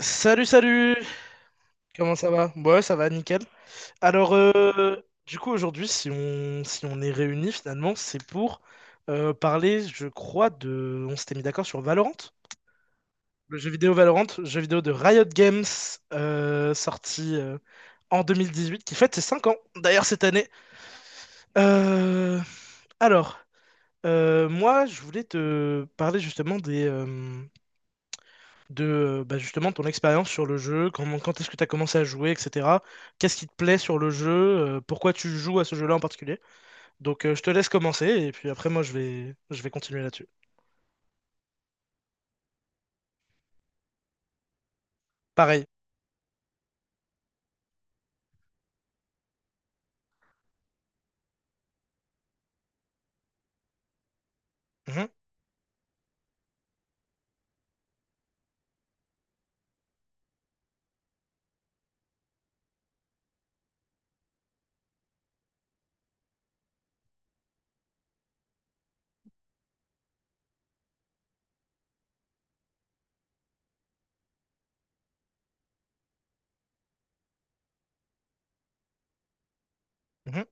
Salut, salut! Comment ça va? Ouais, ça va, nickel. Alors, euh, aujourd'hui, si on est réunis, finalement, c'est pour parler, je crois, de... On s'était mis d'accord sur Valorant? Le jeu vidéo Valorant, jeu vidéo de Riot Games, sorti en 2018, qui fête ses 5 ans, d'ailleurs, cette année. Euh, alors, moi, je voulais te parler justement de justement ton expérience sur le jeu, comment, quand est-ce que tu as commencé à jouer, etc. Qu'est-ce qui te plaît sur le jeu, pourquoi tu joues à ce jeu-là en particulier. Je te laisse commencer et puis après moi je vais continuer là-dessus. Pareil. Mhm, mhm.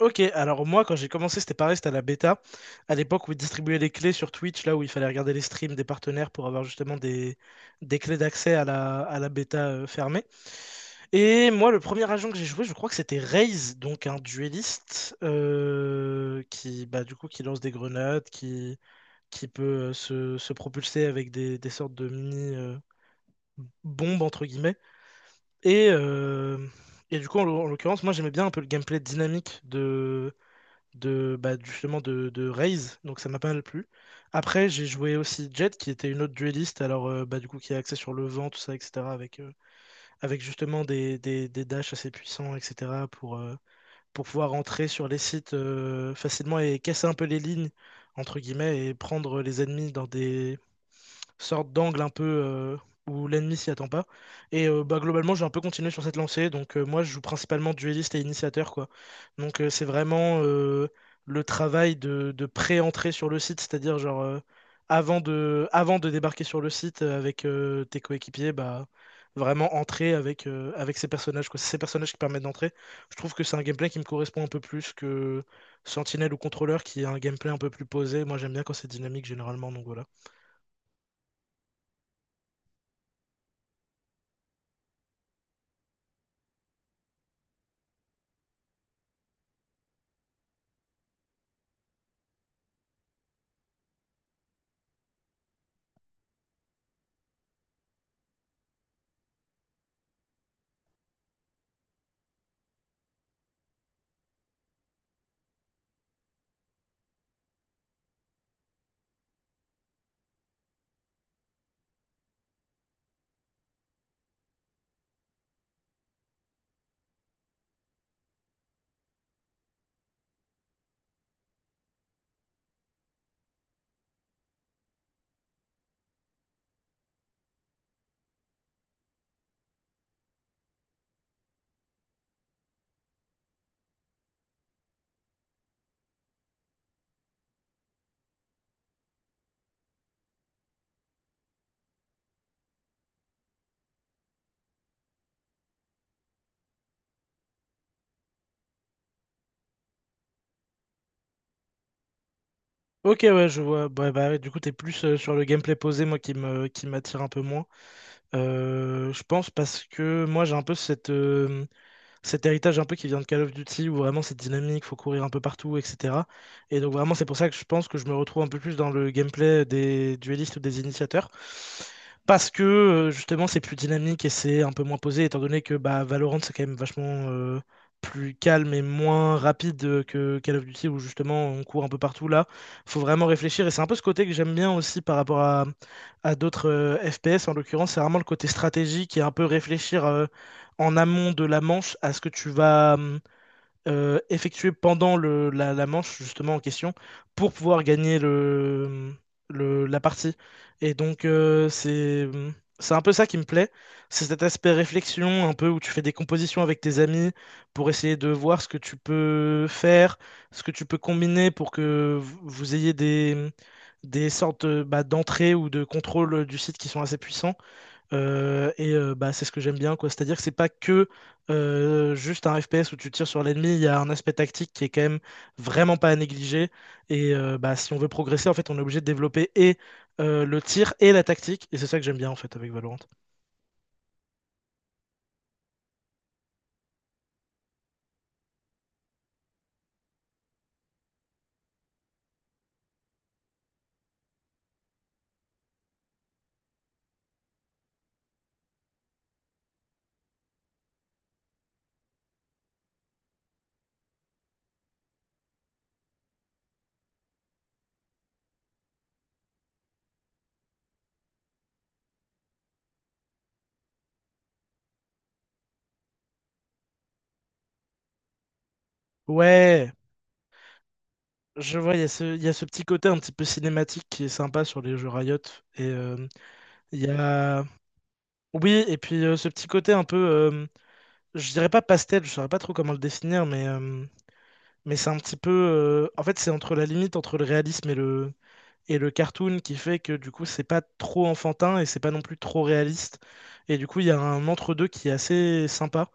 Ok, alors moi quand j'ai commencé, c'était pareil, c'était à la bêta, à l'époque où ils distribuaient les clés sur Twitch, là où il fallait regarder les streams des partenaires pour avoir justement des clés d'accès à à la bêta fermée. Et moi, le premier agent que j'ai joué, je crois que c'était Raze, donc un dueliste qui, bah, du coup, qui lance des grenades, qui peut se propulser avec des sortes de mini bombes entre guillemets. Et, euh, et du coup, en l'occurrence, moi j'aimais bien un peu le gameplay dynamique de bah, justement de Raze, donc ça m'a pas mal plu. Après, j'ai joué aussi Jet, qui était une autre dueliste, alors du coup qui est axée sur le vent, tout ça, etc., avec, avec justement des dashs assez puissants, etc., pour pouvoir entrer sur les sites facilement et casser un peu les lignes, entre guillemets, et prendre les ennemis dans des, sorte d'angle un peu où l'ennemi s'y attend pas. Et globalement, j'ai un peu continué sur cette lancée. Donc, moi, je joue principalement dueliste et initiateur, quoi. Donc, c'est vraiment le travail de pré-entrée sur le site, c'est-à-dire, genre, avant de débarquer sur le site avec tes coéquipiers, bah. Vraiment entrer avec, avec ces personnages, quoi. C'est ces personnages qui permettent d'entrer. Je trouve que c'est un gameplay qui me correspond un peu plus que Sentinelle ou Contrôleur, qui est un gameplay un peu plus posé. Moi, j'aime bien quand c'est dynamique, généralement, donc voilà. Ok, ouais, je vois. Bah, bah, ouais, du coup, t'es plus sur le gameplay posé, moi, qui m'attire un peu moins. Je pense parce que moi, j'ai un peu cette, cet héritage un peu qui vient de Call of Duty, où vraiment c'est dynamique, faut courir un peu partout, etc. Et donc vraiment c'est pour ça que je pense que je me retrouve un peu plus dans le gameplay des duellistes ou des initiateurs. Parce que justement c'est plus dynamique et c'est un peu moins posé, étant donné que bah, Valorant c'est quand même vachement euh, plus calme et moins rapide que Call of Duty, où justement on court un peu partout là. Faut vraiment réfléchir et c'est un peu ce côté que j'aime bien aussi par rapport à d'autres FPS. En l'occurrence c'est vraiment le côté stratégique et un peu réfléchir, en amont de la manche à ce que tu vas effectuer pendant la manche justement en question pour pouvoir gagner la partie. Et donc c'est un peu ça qui me plaît, c'est cet aspect réflexion un peu où tu fais des compositions avec tes amis pour essayer de voir ce que tu peux faire, ce que tu peux combiner pour que vous vous ayez des sortes bah, d'entrées ou de contrôle du site qui sont assez puissants. C'est ce que j'aime bien, quoi. C'est-à-dire que c'est pas que juste un FPS où tu tires sur l'ennemi, il y a un aspect tactique qui est quand même vraiment pas à négliger. Et si on veut progresser, en fait, on est obligé de développer et le tir et la tactique. Et c'est ça que j'aime bien, en fait, avec Valorant. Ouais! Je vois, il y a ce petit côté un petit peu cinématique qui est sympa sur les jeux Riot. Et il y a. Oui, et puis ce petit côté un peu, je dirais pas pastel, je saurais pas trop comment le définir, mais c'est un petit peu, en fait, c'est entre la limite entre le réalisme et le cartoon qui fait que du coup c'est pas trop enfantin et c'est pas non plus trop réaliste. Et du coup il y a un entre-deux qui est assez sympa.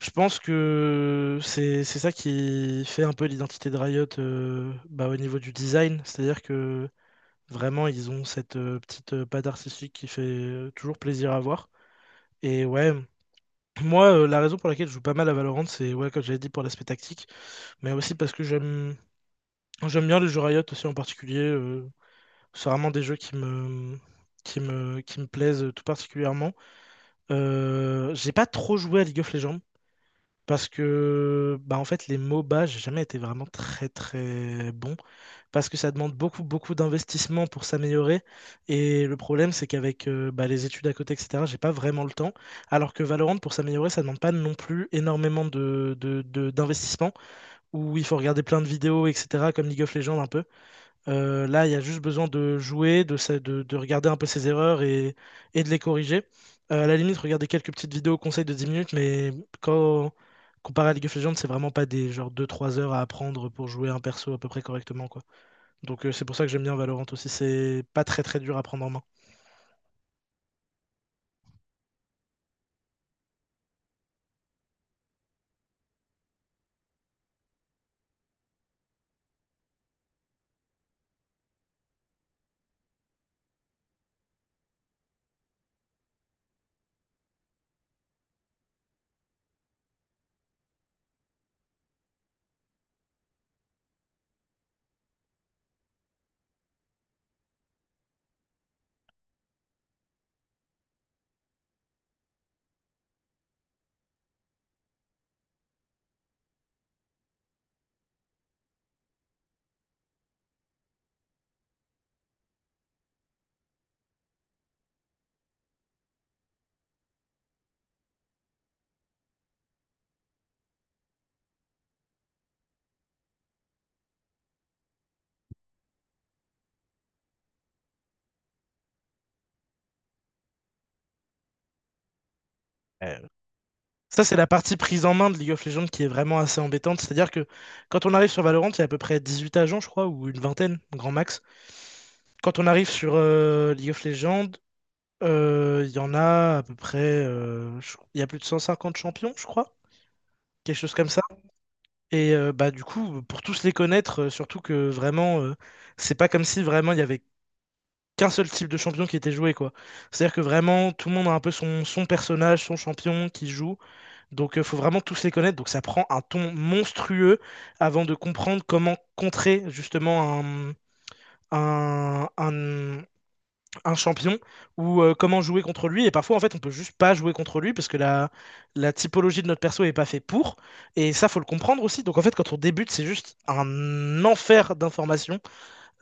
Je pense que c'est ça qui fait un peu l'identité de Riot au niveau du design. C'est-à-dire que vraiment ils ont cette petite patte artistique qui fait toujours plaisir à voir. Et ouais. Moi, la raison pour laquelle je joue pas mal à Valorant, c'est ouais, comme j'avais dit pour l'aspect tactique, mais aussi parce que j'aime bien les jeux Riot aussi en particulier, c'est vraiment des jeux qui me plaisent tout particulièrement. J'ai pas trop joué à League of Legends parce que bah en fait les MOBA, j'ai jamais été vraiment très bon parce que ça demande beaucoup d'investissement pour s'améliorer et le problème c'est qu'avec les études à côté etc. j'ai pas vraiment le temps alors que Valorant pour s'améliorer ça demande pas non plus énormément d'investissement où il faut regarder plein de vidéos etc. comme League of Legends un peu. Là, il y a juste besoin de jouer, de regarder un peu ses erreurs et de les corriger. À la limite, regarder quelques petites vidéos conseils de 10 minutes, mais quand comparé à League of Legends, c'est vraiment pas des genre deux trois heures à apprendre pour jouer un perso à peu près correctement, quoi. Donc c'est pour ça que j'aime bien Valorant aussi, c'est pas très dur à prendre en main. Euh, Ça, c'est la partie prise en main de League of Legends qui est vraiment assez embêtante. C'est-à-dire que quand on arrive sur Valorant, il y a à peu près 18 agents, je crois, ou une vingtaine, grand max. Quand on arrive sur League of Legends, il y en a à peu près, il y a plus de 150 champions, je crois, quelque chose comme ça. Et du coup, pour tous les connaître, surtout que vraiment, c'est pas comme si vraiment il y avait qu'un seul type de champion qui était joué, quoi. C'est-à-dire que vraiment, tout le monde a un peu son personnage, son champion qui joue. Donc faut vraiment tous les connaître. Donc ça prend un ton monstrueux avant de comprendre comment contrer justement un, un- un champion ou comment jouer contre lui. Et parfois, en fait, on peut juste pas jouer contre lui parce que la typologie de notre perso est pas fait pour. Et ça, faut le comprendre aussi. Donc, en fait, quand on débute, c'est juste un enfer d'informations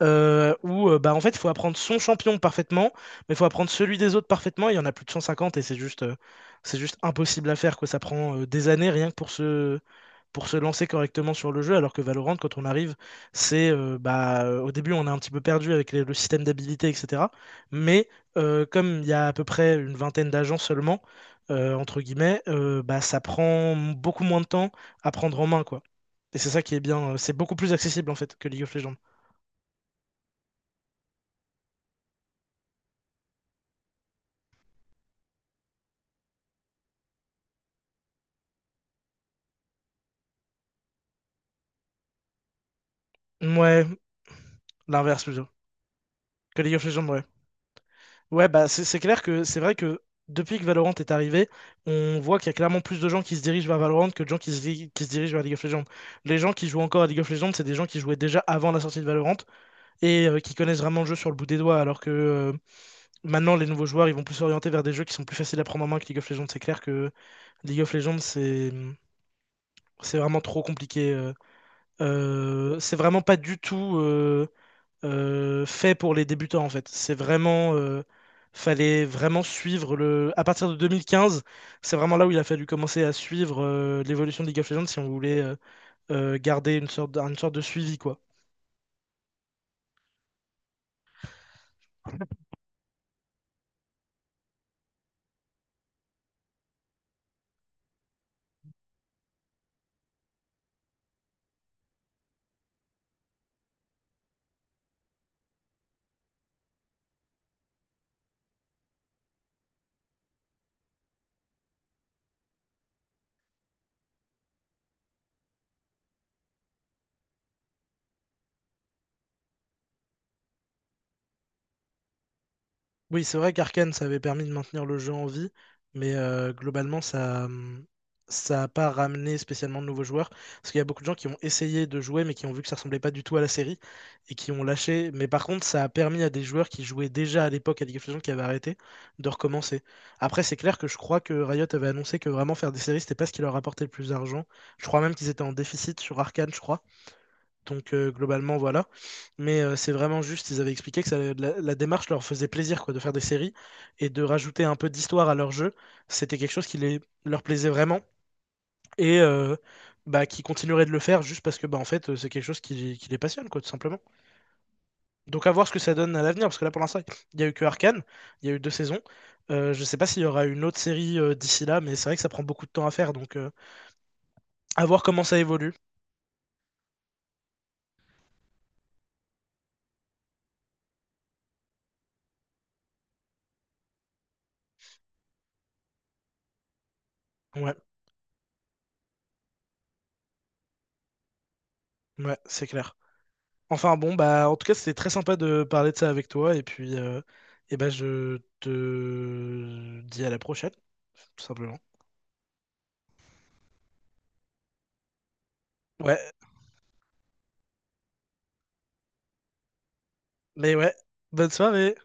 en fait, il faut apprendre son champion parfaitement, mais il faut apprendre celui des autres parfaitement. Il y en a plus de 150 et c'est juste impossible à faire, quoi. Ça prend des années rien que pour pour se lancer correctement sur le jeu, alors que Valorant, quand on arrive, c'est au début, on est un petit peu perdu avec le système d'habilité, etc. Mais comme il y a à peu près une vingtaine d'agents seulement, entre guillemets, ça prend beaucoup moins de temps à prendre en main, quoi. Et c'est ça qui est bien, c'est beaucoup plus accessible en fait que League of Legends. Ouais, l'inverse plutôt. Que League of Legends, ouais. Ouais, bah c'est clair que c'est vrai que depuis que Valorant est arrivé, on voit qu'il y a clairement plus de gens qui se dirigent vers Valorant que de gens qui qui se dirigent vers League of Legends. Les gens qui jouent encore à League of Legends, c'est des gens qui jouaient déjà avant la sortie de Valorant et qui connaissent vraiment le jeu sur le bout des doigts, alors que maintenant les nouveaux joueurs, ils vont plus s'orienter vers des jeux qui sont plus faciles à prendre en main que League of Legends. C'est clair que League of Legends, c'est vraiment trop compliqué, c'est vraiment pas du tout... fait pour les débutants en fait. C'est vraiment, fallait vraiment suivre le. À partir de 2015 c'est vraiment là où il a fallu commencer à suivre l'évolution de League of Legends si on voulait garder une sorte de suivi quoi. Oui, c'est vrai qu'Arkane, ça avait permis de maintenir le jeu en vie, mais globalement, ça n'a pas ramené spécialement de nouveaux joueurs. Parce qu'il y a beaucoup de gens qui ont essayé de jouer, mais qui ont vu que ça ressemblait pas du tout à la série, et qui ont lâché. Mais par contre, ça a permis à des joueurs qui jouaient déjà à l'époque à League of Legends, qui avaient arrêté, de recommencer. Après, c'est clair que je crois que Riot avait annoncé que vraiment faire des séries, c'était pas ce qui leur rapportait le plus d'argent. Je crois même qu'ils étaient en déficit sur Arcane, je crois. Donc globalement, voilà. Mais c'est vraiment juste, ils avaient expliqué que la démarche leur faisait plaisir quoi, de faire des séries et de rajouter un peu d'histoire à leur jeu. C'était quelque chose qui leur plaisait vraiment et qui continuerait de le faire juste parce que c'est quelque chose qui les passionne, quoi, tout simplement. Donc à voir ce que ça donne à l'avenir, parce que là pour l'instant, il n'y a eu que Arcane, il y a eu 2 saisons. Je sais pas s'il y aura une autre série d'ici là, mais c'est vrai que ça prend beaucoup de temps à faire, donc à voir comment ça évolue. Ouais, ouais, c'est clair. Enfin bon, bah en tout cas c'était très sympa de parler de ça avec toi et puis eh ben je te dis à la prochaine, tout simplement. Ouais, mais ouais, bonne soirée.